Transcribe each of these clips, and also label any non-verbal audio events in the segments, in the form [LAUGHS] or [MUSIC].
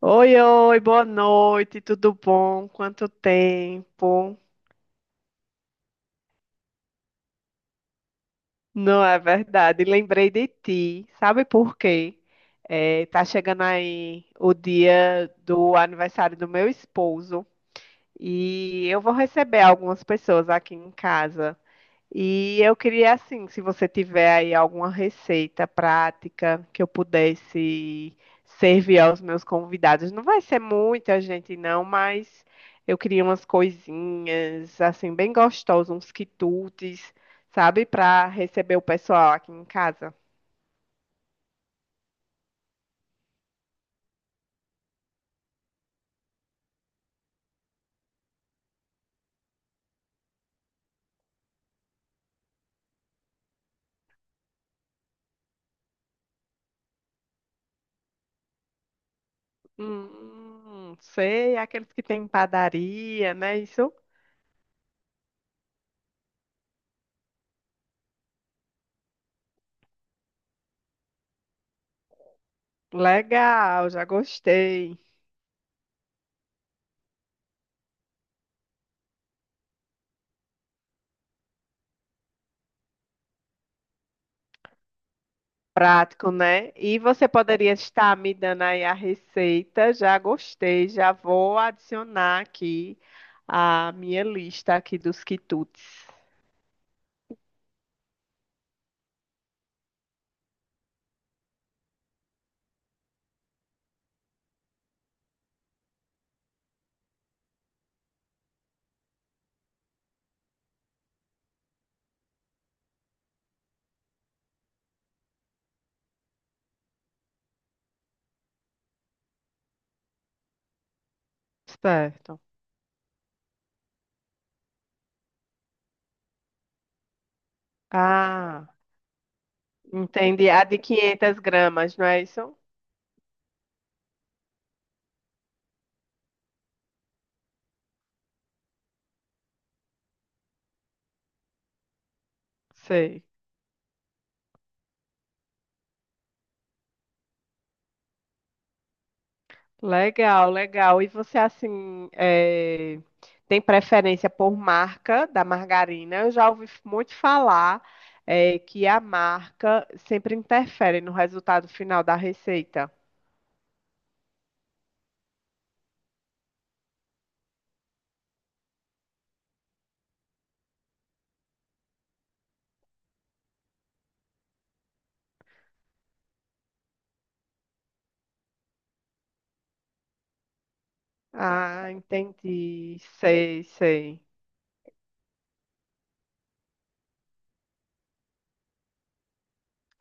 Oi, oi, boa noite, tudo bom? Quanto tempo? Não é verdade, lembrei de ti. Sabe por quê? É, tá chegando aí o dia do aniversário do meu esposo e eu vou receber algumas pessoas aqui em casa. E eu queria, assim, se você tiver aí alguma receita prática que eu pudesse servir aos meus convidados. Não vai ser muita gente, não, mas eu queria umas coisinhas, assim, bem gostosas, uns quitutes, sabe, para receber o pessoal aqui em casa. Sei, aqueles que tem padaria, né? Isso, legal, já gostei. Prático, né? E você poderia estar me dando aí a receita. Já gostei, já vou adicionar aqui a minha lista aqui dos quitutes. Certo. Ah, entendi. A de 500 gramas, não é isso? Sei. Legal, legal. E você, assim, tem preferência por marca da margarina? Eu já ouvi muito falar, que a marca sempre interfere no resultado final da receita. Ah, entendi. Sei, sei.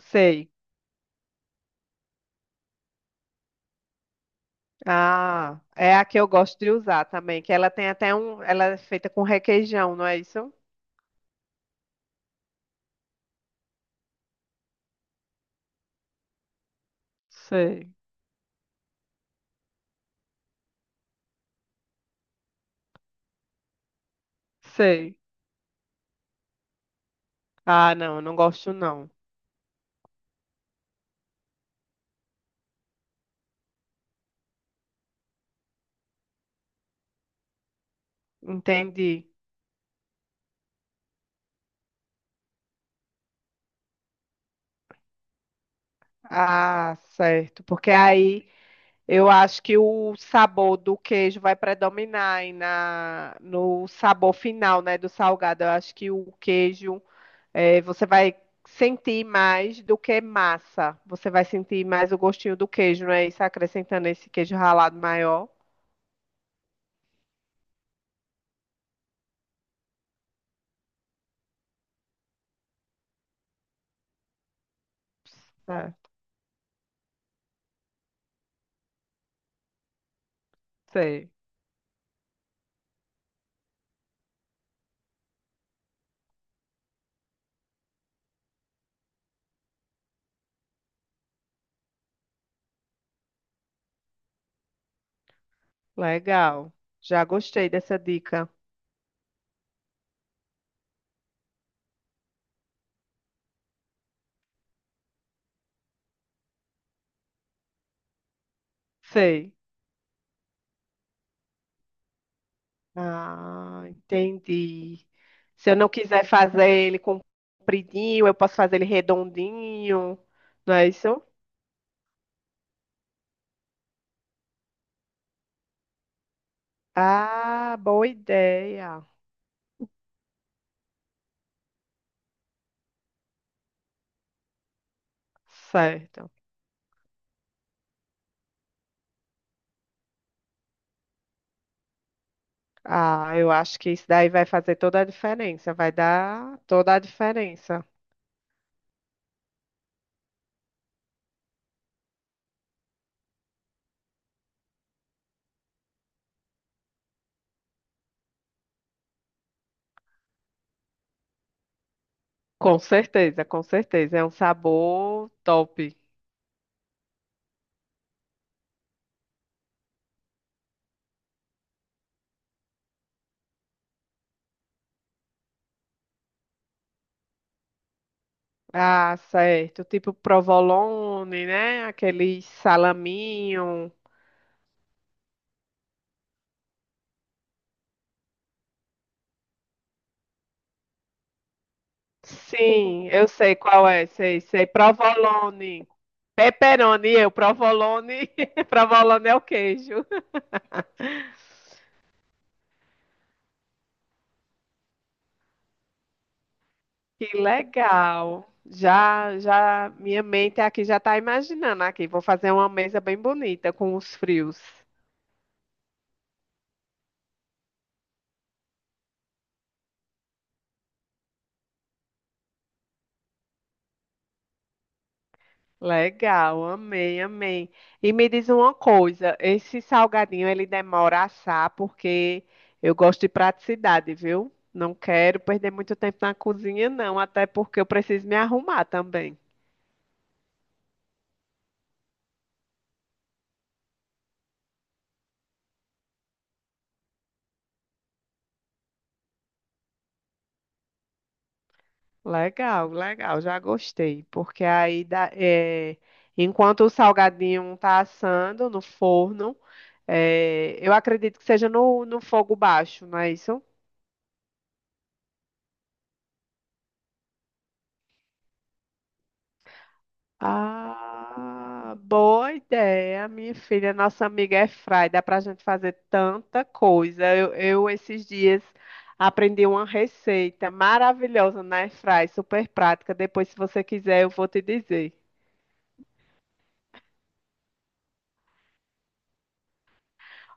Sei. Ah, é a que eu gosto de usar também, que ela tem até um, ela é feita com requeijão, não é isso? Sei, sei. Ah, não, eu não gosto não. Entendi. Ah, certo. Porque aí eu acho que o sabor do queijo vai predominar aí na, no sabor final, né, do salgado. Eu acho que o queijo é, você vai sentir mais do que massa. Você vai sentir mais o gostinho do queijo, não é isso? Acrescentando esse queijo ralado maior. É, sei. Legal. Já gostei dessa dica. Sei. Ah, entendi. Se eu não quiser fazer ele compridinho, eu posso fazer ele redondinho, não é isso? Ah, boa ideia. Certo. Ah, eu acho que isso daí vai fazer toda a diferença. Vai dar toda a diferença. Com certeza, com certeza. É um sabor top. Ah, certo. Tipo provolone, né? Aquele salaminho. Sim, eu sei qual é. Sei, sei. Provolone. Pepperoni, eu. Provolone. [LAUGHS] Provolone é o queijo. Que legal. Já, já, minha mente aqui já está imaginando aqui. Vou fazer uma mesa bem bonita com os frios. Legal, amei, amei. E me diz uma coisa, esse salgadinho ele demora a assar porque eu gosto de praticidade, viu? Não quero perder muito tempo na cozinha, não, até porque eu preciso me arrumar também. Legal, legal, já gostei, porque aí, enquanto o salgadinho tá assando no forno, é, eu acredito que seja no, no fogo baixo, não é isso? Ah, boa ideia, minha filha. Nossa amiga é fry, dá pra gente fazer tanta coisa. Esses dias aprendi uma receita maravilhosa na airfry, super prática. Depois, se você quiser, eu vou te dizer.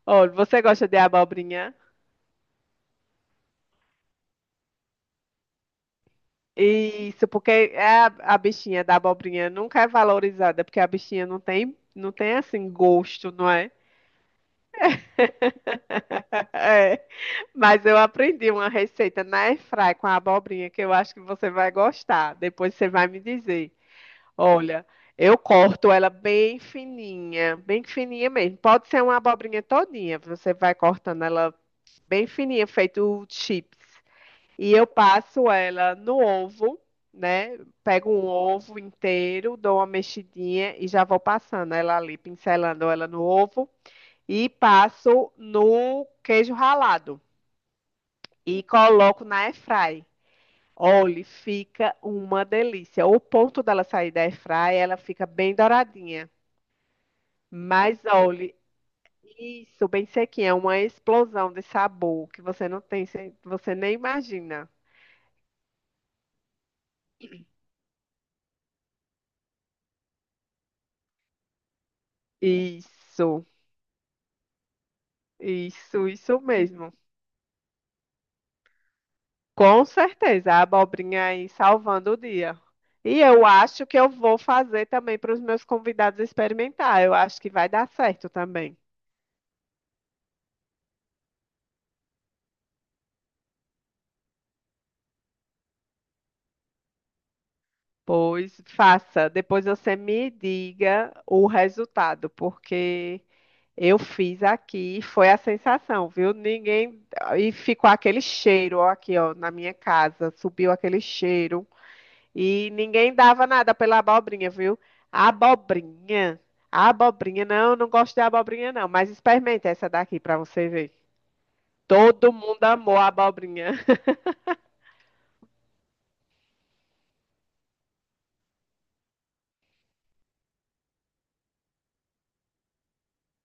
Olha, você gosta de abobrinha? Isso, porque é a bichinha da abobrinha nunca é valorizada, porque a bichinha não tem, não tem assim gosto, não é? [LAUGHS] Mas eu aprendi uma receita na airfry com a abobrinha que eu acho que você vai gostar. Depois você vai me dizer. Olha, eu corto ela bem fininha mesmo. Pode ser uma abobrinha todinha, você vai cortando ela bem fininha, feito chips. E eu passo ela no ovo, né? Pego um ovo inteiro, dou uma mexidinha e já vou passando ela ali, pincelando ela no ovo e passo no queijo ralado e coloco na airfry. Olha, fica uma delícia. O ponto dela sair da airfry, ela fica bem douradinha. Mas olha, isso, bem sequinha, é uma explosão de sabor que você não tem, você você nem imagina. Isso, isso mesmo. Com certeza, a abobrinha aí salvando o dia. E eu acho que eu vou fazer também para os meus convidados experimentar. Eu acho que vai dar certo também. Pois faça. Depois você me diga o resultado, porque eu fiz aqui e foi a sensação, viu? Ninguém. E ficou aquele cheiro, ó, aqui, ó, na minha casa. Subiu aquele cheiro. E ninguém dava nada pela abobrinha, viu? A abobrinha. A abobrinha, não, não gosto de abobrinha, não. Mas experimente essa daqui para você ver. Todo mundo amou a abobrinha. [LAUGHS]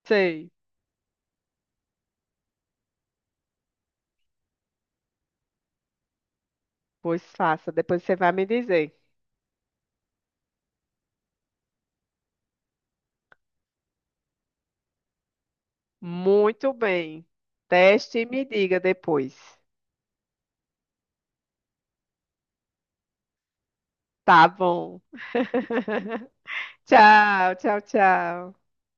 Sei. Pois faça. Depois você vai me dizer. Muito bem. Teste e me diga depois. Tá bom. [LAUGHS] Tchau, tchau, tchau.